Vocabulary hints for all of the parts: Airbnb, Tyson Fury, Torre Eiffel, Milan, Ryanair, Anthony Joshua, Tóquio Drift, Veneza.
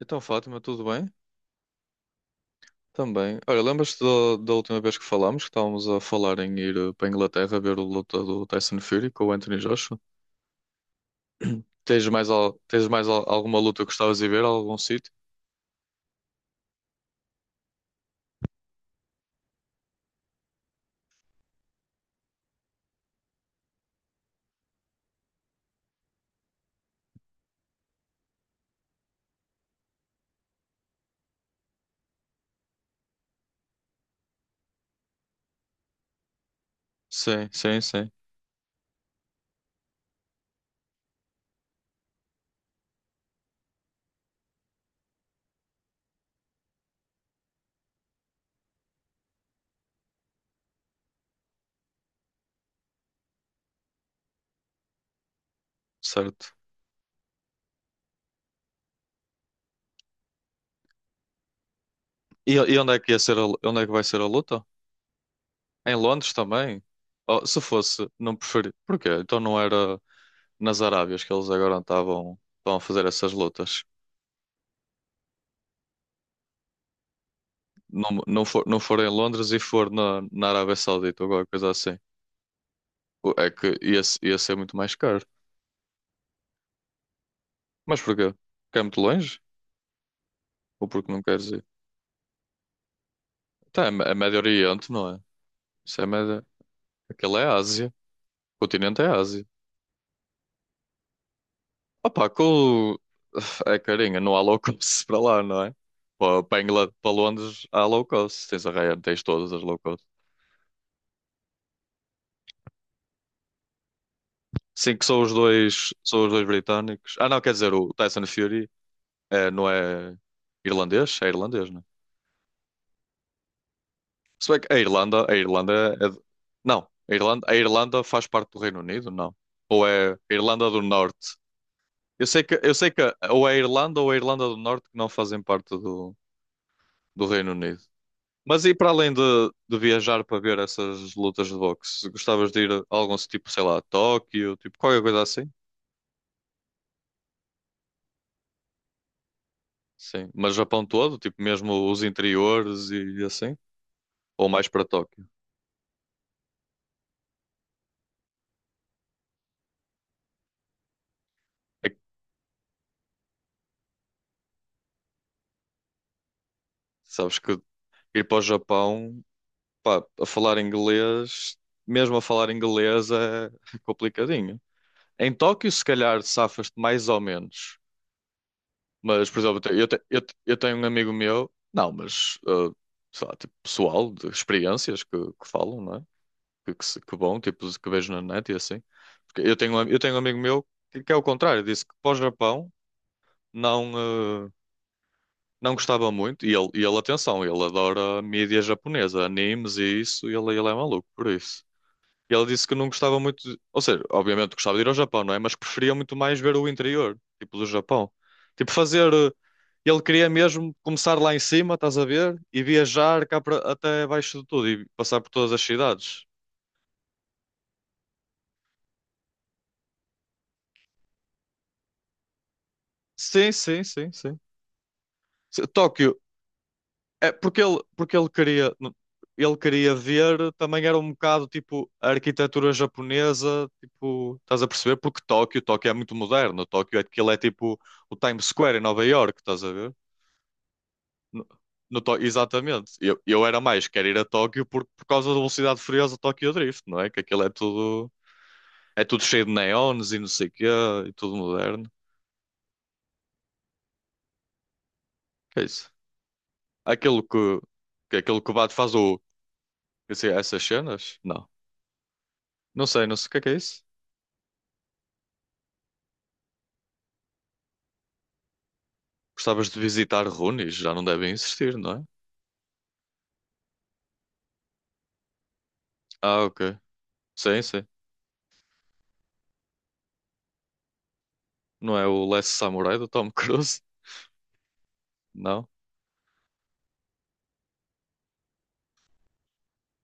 Então, Fátima, tudo bem? Também. Olha, lembras-te da última vez que falámos, que estávamos a falar em ir para a Inglaterra ver a luta do Tyson Fury com o Anthony Joshua? Tens mais alguma luta que gostavas de ver, algum sítio? Sim, sim, sim. Certo. E onde é que vai ser a luta? Em Londres também? Oh, se fosse, não preferia. Porquê? Então não era nas Arábias que eles agora estavam a fazer essas lutas. Não, não for em Londres e for na Arábia Saudita ou qualquer coisa assim. É que esse é muito mais caro. Mas porquê? Porque é muito longe? Ou porque não queres ir? Tá, é Médio Oriente, não é? Isso é Médio. Aquilo é Ásia. O continente é Ásia. Opa. É carinha, não há low cost para lá, não é? Para Inglaterra, para Londres há low cost. Tens a Ryanair, tens todas as low cost. Sim, que são os dois britânicos. Ah, não, quer dizer, o Tyson Fury não é irlandês? É irlandês, não é? Se bem que a Irlanda é. Não, a Irlanda faz parte do Reino Unido, não. Ou é a Irlanda do Norte. Eu sei que ou é a Irlanda ou é a Irlanda do Norte que não fazem parte do Reino Unido. Mas e para além de viajar para ver essas lutas de boxe, gostavas de ir a algum tipo, sei lá, a Tóquio, tipo qualquer coisa assim? Sim, mas Japão todo, tipo mesmo os interiores e assim? Ou mais para Tóquio? É que sabes que ir para o Japão pá, a falar inglês, mesmo a falar inglês é complicadinho. Em Tóquio, se calhar, safas-te mais ou menos. Mas, por exemplo, eu tenho um amigo meu, não, mas, sei lá, tipo, pessoal, de experiências que falam, não é? Que, se- que bom, tipo, que vejo na net e assim. Porque eu tenho um amigo meu que é o contrário, disse que para o Japão não, ah, não gostava muito. E ele, atenção, ele adora mídia japonesa, animes e isso, e ele é maluco por isso. E ela disse que não gostava muito, ou seja, obviamente gostava de ir ao Japão, não é? Mas preferia muito mais ver o interior, tipo do Japão. Tipo ele queria mesmo começar lá em cima, estás a ver? E viajar cá para, até abaixo de tudo e passar por todas as cidades. Sim, sim, sim, sim. Tóquio, é porque ele, queria, ele queria ver, também era um bocado tipo a arquitetura japonesa, tipo, estás a perceber? Porque Tóquio é muito moderno, Tóquio é aquilo é tipo o Times Square em Nova York, estás a ver? No, no Tó- Exatamente. Eu era mais, quero ir a Tóquio por, causa da velocidade furiosa Tóquio Drift, não é? Que aquilo é tudo cheio de neons e não sei o quê, e tudo moderno. Que é isso? Aquilo que aquilo que o Bato faz o, eu sei, essas cenas? Não. Não sei, não sei o que é isso. Gostavas de visitar Runis, já não devem existir, não é? Ah, ok. Sim, sim. Não é o Last Samurai do Tom Cruise? Não.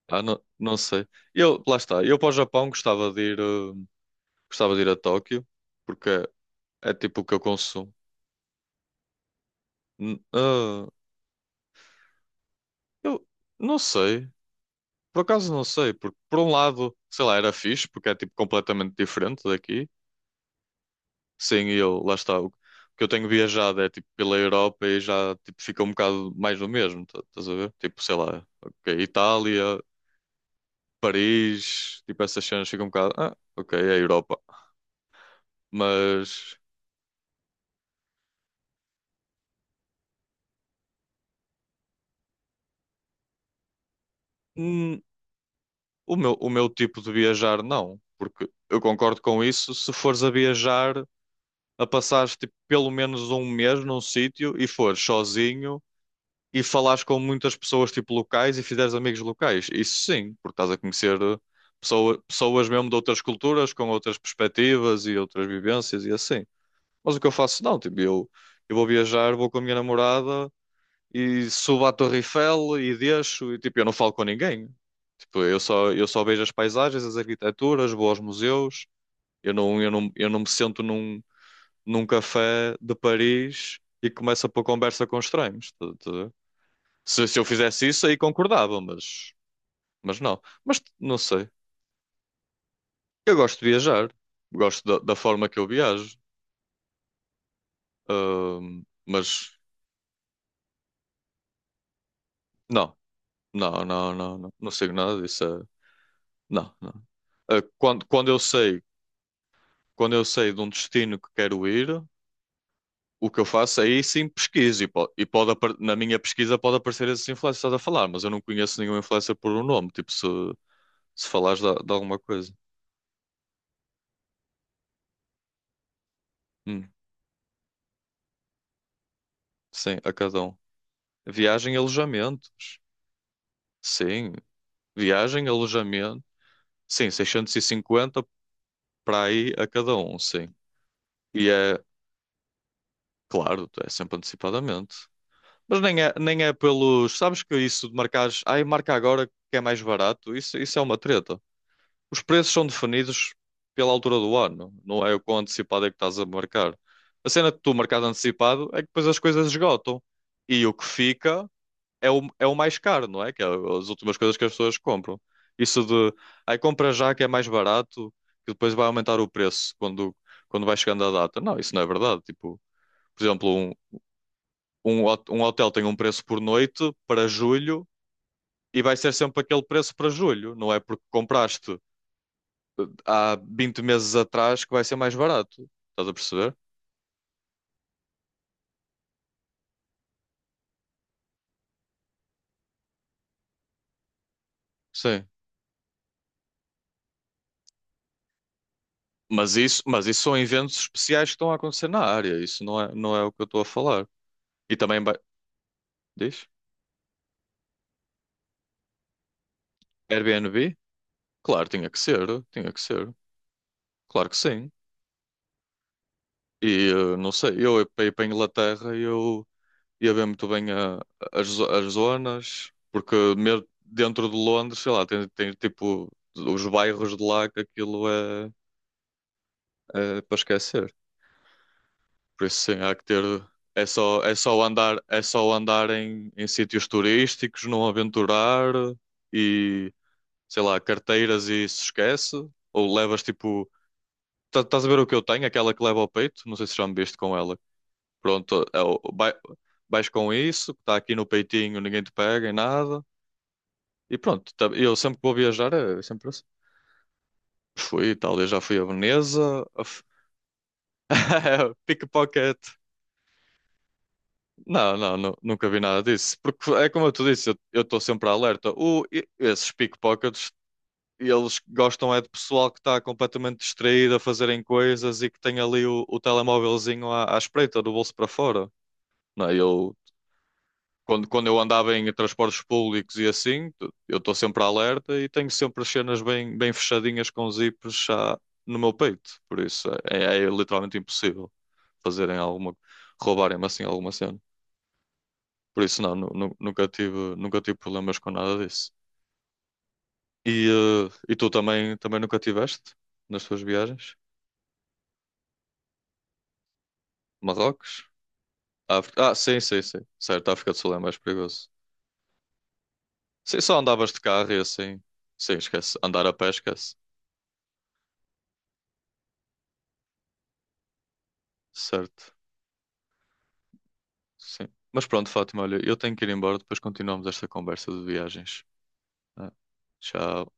Ah, não, não sei. Eu, lá está. Eu para o Japão gostava de ir a Tóquio. Porque é tipo o que eu consumo. N- ah, eu não sei. Por acaso não sei. Porque por um lado, sei lá, era fixe, porque é tipo completamente diferente daqui. Sim, e eu, lá está. O que eu tenho viajado é tipo pela Europa e já tipo, fica um bocado mais do mesmo. Estás a ver? Tipo, sei lá, ok, Itália, Paris, tipo essas cenas ficam um bocado. Ah, ok, é a Europa. Mas hum, o meu tipo de viajar não. Porque eu concordo com isso se fores a viajar, a passares tipo, pelo menos um mês num sítio e fores sozinho e falares com muitas pessoas tipo locais e fizeres amigos locais. Isso sim, porque estás a conhecer pessoas mesmo de outras culturas, com outras perspectivas e outras vivências e assim. Mas o que eu faço não, tipo, eu vou viajar, vou com a minha namorada e subo à Torre Eiffel e deixo e tipo, eu não falo com ninguém. Tipo, eu só vejo as paisagens, as arquiteturas, vou aos museus. Eu não me sento num, num café de Paris e começo a pôr conversa com estranhos. Estás a ver? Se eu fizesse isso, aí concordava, mas, não. Mas não sei. Eu gosto de viajar, gosto da forma que eu viajo. Mas não, não, não, não, não, não sigo nada disso. Não, não. Ah, quando eu sei de um destino que quero ir, o que eu faço é aí sim pesquiso na minha pesquisa pode aparecer esses influencers que estás a falar, mas eu não conheço nenhum influencer por um nome. Tipo, se falares de alguma coisa. Hum, sim, a cada um. Viagem e alojamentos. Sim. Viagem, alojamento. Sim, 650 para aí a cada um, sim. E é, claro, é sempre antecipadamente. Mas nem é pelos. Sabes que isso de marcares. Ai, marca agora que é mais barato. Isso é uma treta. Os preços são definidos pela altura do ano. Não é o quão antecipado é que estás a marcar. A cena que tu marcas antecipado é que depois as coisas esgotam. E o que fica é o mais caro, não é? Que é as últimas coisas que as pessoas compram. Isso de, aí compra já que é mais barato, que depois vai aumentar o preço quando, vai chegando a data. Não, isso não é verdade. Tipo, por exemplo, um hotel tem um preço por noite para julho e vai ser sempre aquele preço para julho. Não é porque compraste há 20 meses atrás que vai ser mais barato. Estás a perceber? Sim. mas isso são eventos especiais que estão a acontecer na área. Isso não é o que eu estou a falar. E também, diz? Airbnb? Claro, tinha que ser, tinha que ser. Claro que sim. E não sei, eu para ir para a Inglaterra eu ia ver muito bem as zonas, porque mesmo dentro de Londres, sei lá, tem tipo os bairros de lá que aquilo é para esquecer. Por isso sim, há que ter. É só andar, é só andar em sítios turísticos, não aventurar e sei lá, carteiras e se esquece, ou levas tipo Estás a ver o que eu tenho? Aquela que leva ao peito? Não sei se já me viste com ela. Pronto, vais com isso, que está aqui no peitinho, ninguém te pega em nada. E pronto, eu sempre que vou viajar é sempre assim. Fui, e já fui a Veneza. Pickpocket. Não, não, nunca vi nada disso. Porque é como eu te disse, eu estou sempre alerta. Esses pickpockets, eles gostam é de pessoal que está completamente distraído a fazerem coisas e que tem ali o telemóvelzinho à espreita, do bolso para fora. Não, é? Eu Quando eu andava em transportes públicos e assim, eu estou sempre alerta e tenho sempre as cenas bem, bem fechadinhas com zips já no meu peito. Por isso é literalmente impossível fazerem alguma, roubarem-me assim alguma cena. Por isso não, nunca tive problemas com nada disso. E tu também nunca tiveste nas tuas viagens? Marrocos? África? Ah, sim, sim, sim. Certo, a África do Sul é mais perigoso. Sim, só andavas de carro e assim. Sim, esquece. Andar a pé, esquece. Certo. Sim. Mas pronto, Fátima, olha, eu tenho que ir embora, depois continuamos esta conversa de viagens. Né? Tchau.